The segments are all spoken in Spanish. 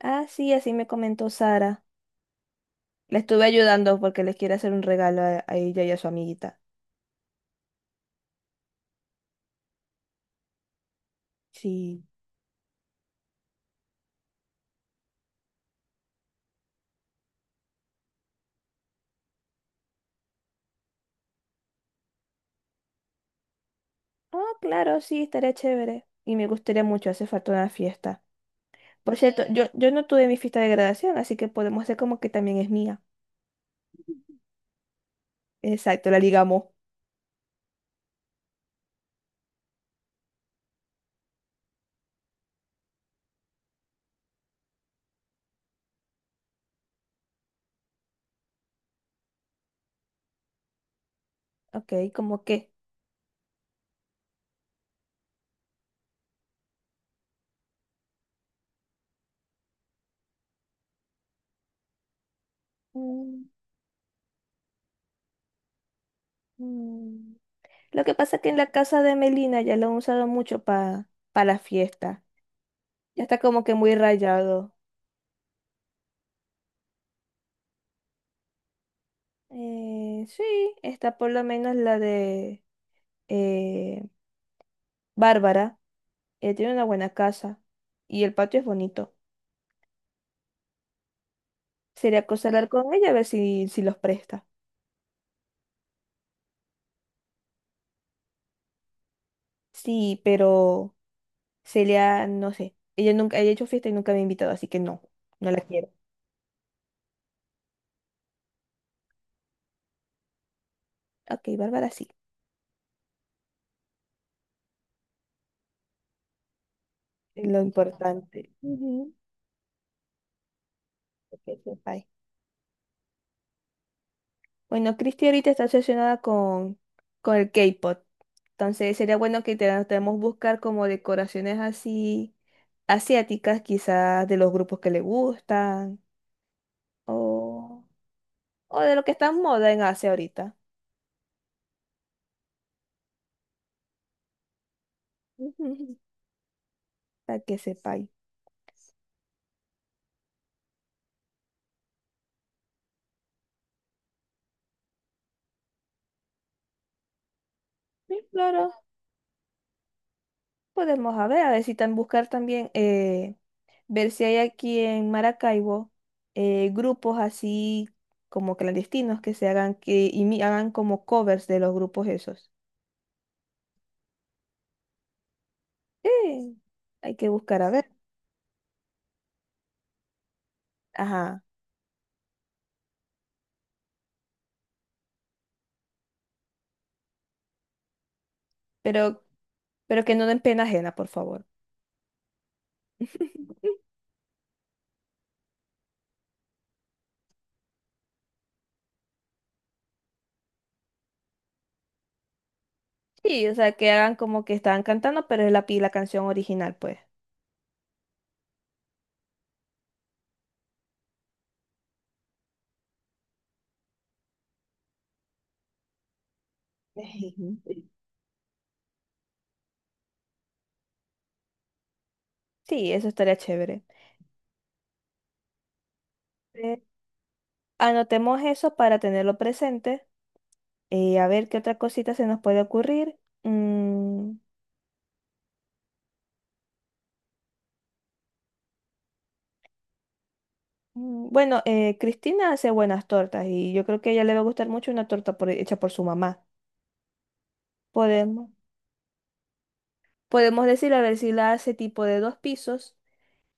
Ah, sí, así me comentó Sara. Le estuve ayudando porque les quiere hacer un regalo a ella y a su amiguita. Sí. Ah, claro, sí, estaría chévere. Y me gustaría mucho, hace falta una fiesta. Por cierto, yo no tuve mi fiesta de graduación, así que podemos hacer como que también es mía. Exacto, la ligamos. Ok, ¿como qué? Mm, mm. Lo que pasa es que en la casa de Melina ya lo han usado mucho para la fiesta. Ya está como que muy rayado. Sí, está por lo menos la de... eh, Bárbara, ella tiene una buena casa y el patio es bonito. Sería cosa hablar con ella a ver si los presta. Sí, pero Celia, no sé. Ella nunca ella ha hecho fiesta y nunca me ha invitado, así que no, no la quiero. Ok, Bárbara sí, es lo importante. Ujú, que bye. Bueno, Cristi ahorita está obsesionada con el K-pop. Entonces sería bueno debemos buscar como decoraciones así asiáticas, quizás de los grupos que le gustan. O. O de lo que está en moda en Asia ahorita. Ujú, para que sepáis. Sí, claro, podemos a ver si tan buscar también, ver si hay aquí en Maracaibo grupos así como clandestinos que se hagan, hagan como covers de los grupos esos. Sí, hay que buscar a ver. Ajá, pero, pero que no den pena ajena, por favor. Sí, o sea, que hagan como que estaban cantando, pero es la canción original, pues. Sí, eso estaría chévere. Anotemos eso para tenerlo presente. A ver qué otra cosita se nos puede ocurrir. Mm, bueno, Cristina hace buenas tortas y yo creo que a ella le va a gustar mucho una torta hecha por su mamá. Podemos, podemos decir a ver si la hace tipo de dos pisos,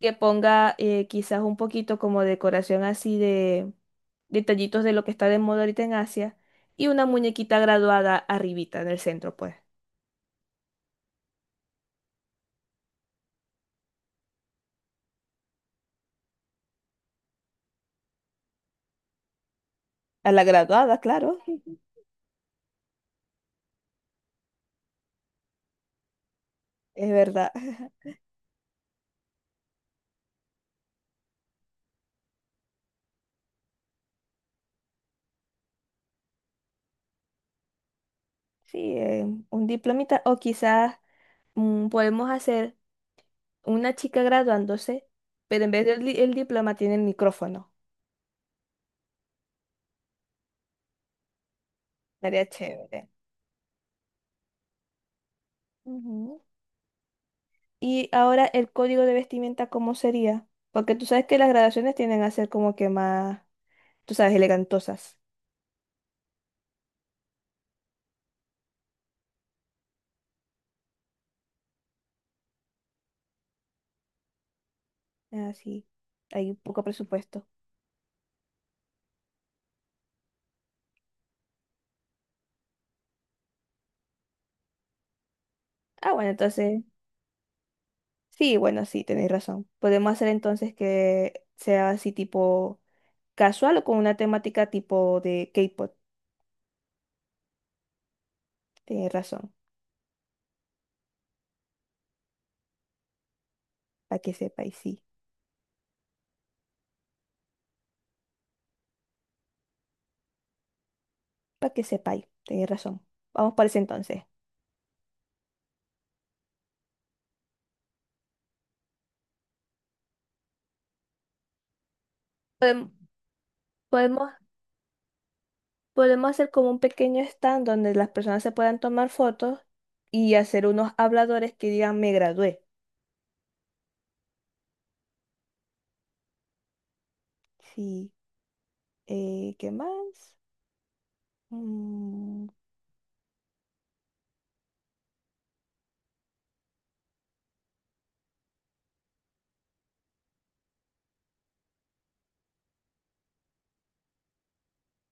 que ponga quizás un poquito como decoración así de detallitos de lo que está de moda ahorita en Asia y una muñequita graduada arribita en el centro, pues. A la graduada, claro, es verdad. Sí, un diplomita. O quizás podemos hacer una chica graduándose, pero en vez el diploma tiene el micrófono. Estaría chévere. Ujú. Y ahora el código de vestimenta, ¿cómo sería? Porque tú sabes que las graduaciones tienden a ser como que más, tú sabes, elegantosas. Así, hay poco presupuesto. Ah, bueno, entonces, sí, bueno, sí, tenéis razón. Podemos hacer entonces que sea así tipo casual o con una temática tipo de K-pop. Tenéis razón. Para que sepáis, sí. Para que sepáis, tenéis razón. Vamos por ese entonces. Podem- Podemos, podemos hacer como un pequeño stand donde las personas se puedan tomar fotos y hacer unos habladores que digan me gradué. Sí. ¿Qué más? Mm,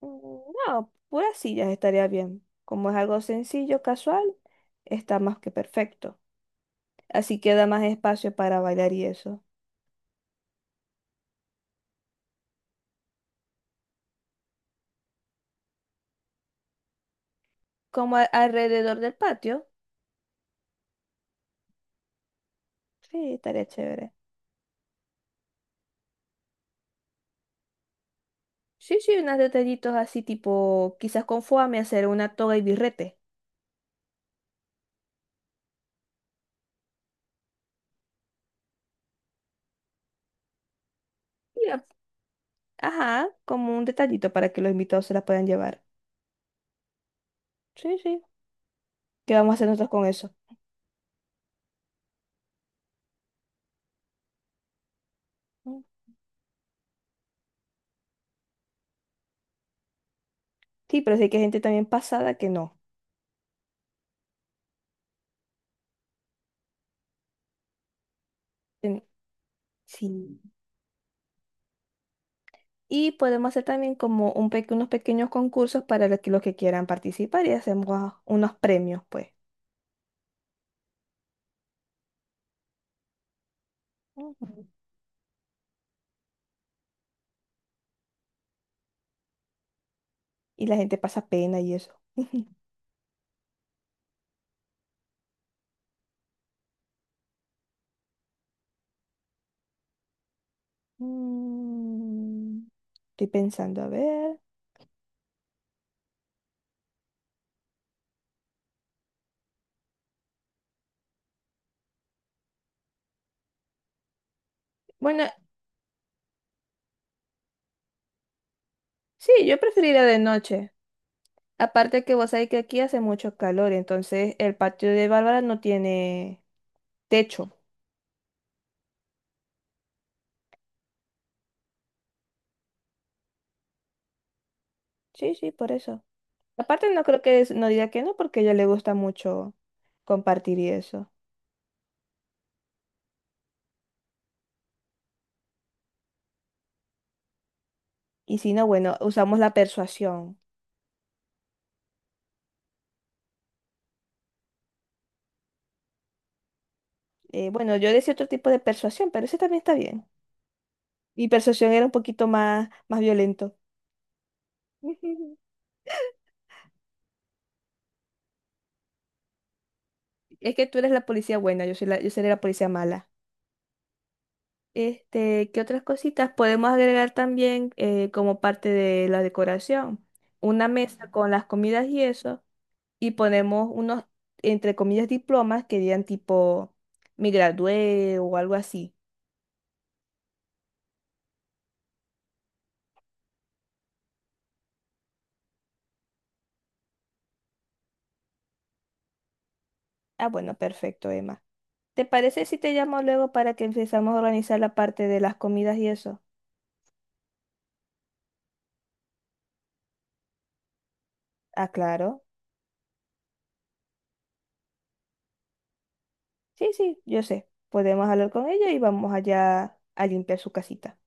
mm, no, puras sillas estaría bien. Como es algo sencillo, casual, está más que perfecto. Así queda más espacio para bailar y eso. Como alrededor del patio. Sí, estaría chévere. Sí, sí, unos detallitos así tipo, quizás con foame hacer una toga y birrete. Ya. Ajá, como un detallito para que los invitados se la puedan llevar. Sí, sí. ¿Qué vamos a hacer nosotros con eso? Mm. Sí, pero sí que hay gente también pasada que no. Ten- Sí. Y podemos hacer también como unos pequeños concursos para los que quieran participar y hacemos unos premios, pues. Ujú. Y la gente pasa pena y eso. Mm, Estoy pensando, a ver. Bueno, sí, yo preferiría de noche. Aparte que vos sabés que aquí hace mucho calor, entonces el patio de Bárbara no tiene techo. Sí, sí, por eso. Aparte no creo no diga que no, porque a ella le gusta mucho compartir y eso. Y si no, bueno, usamos la persuasión. Bueno, yo decía otro tipo de persuasión, pero ese también está bien. Mi persuasión era un poquito más, más violento. Es que tú eres la policía buena, yo soy yo seré la policía mala. Este, ¿qué otras cositas podemos agregar también como parte de la decoración? Una mesa con las comidas y eso, y ponemos entre comillas, diplomas que digan tipo, me gradué o algo así. Ah, bueno, perfecto, Emma. ¿Te parece si te llamo luego para que empezamos a organizar la parte de las comidas y eso? Ah, claro. Sí, sí, yo sé. Podemos hablar con ella y vamos allá a limpiar su casita.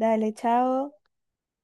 Dale, chao.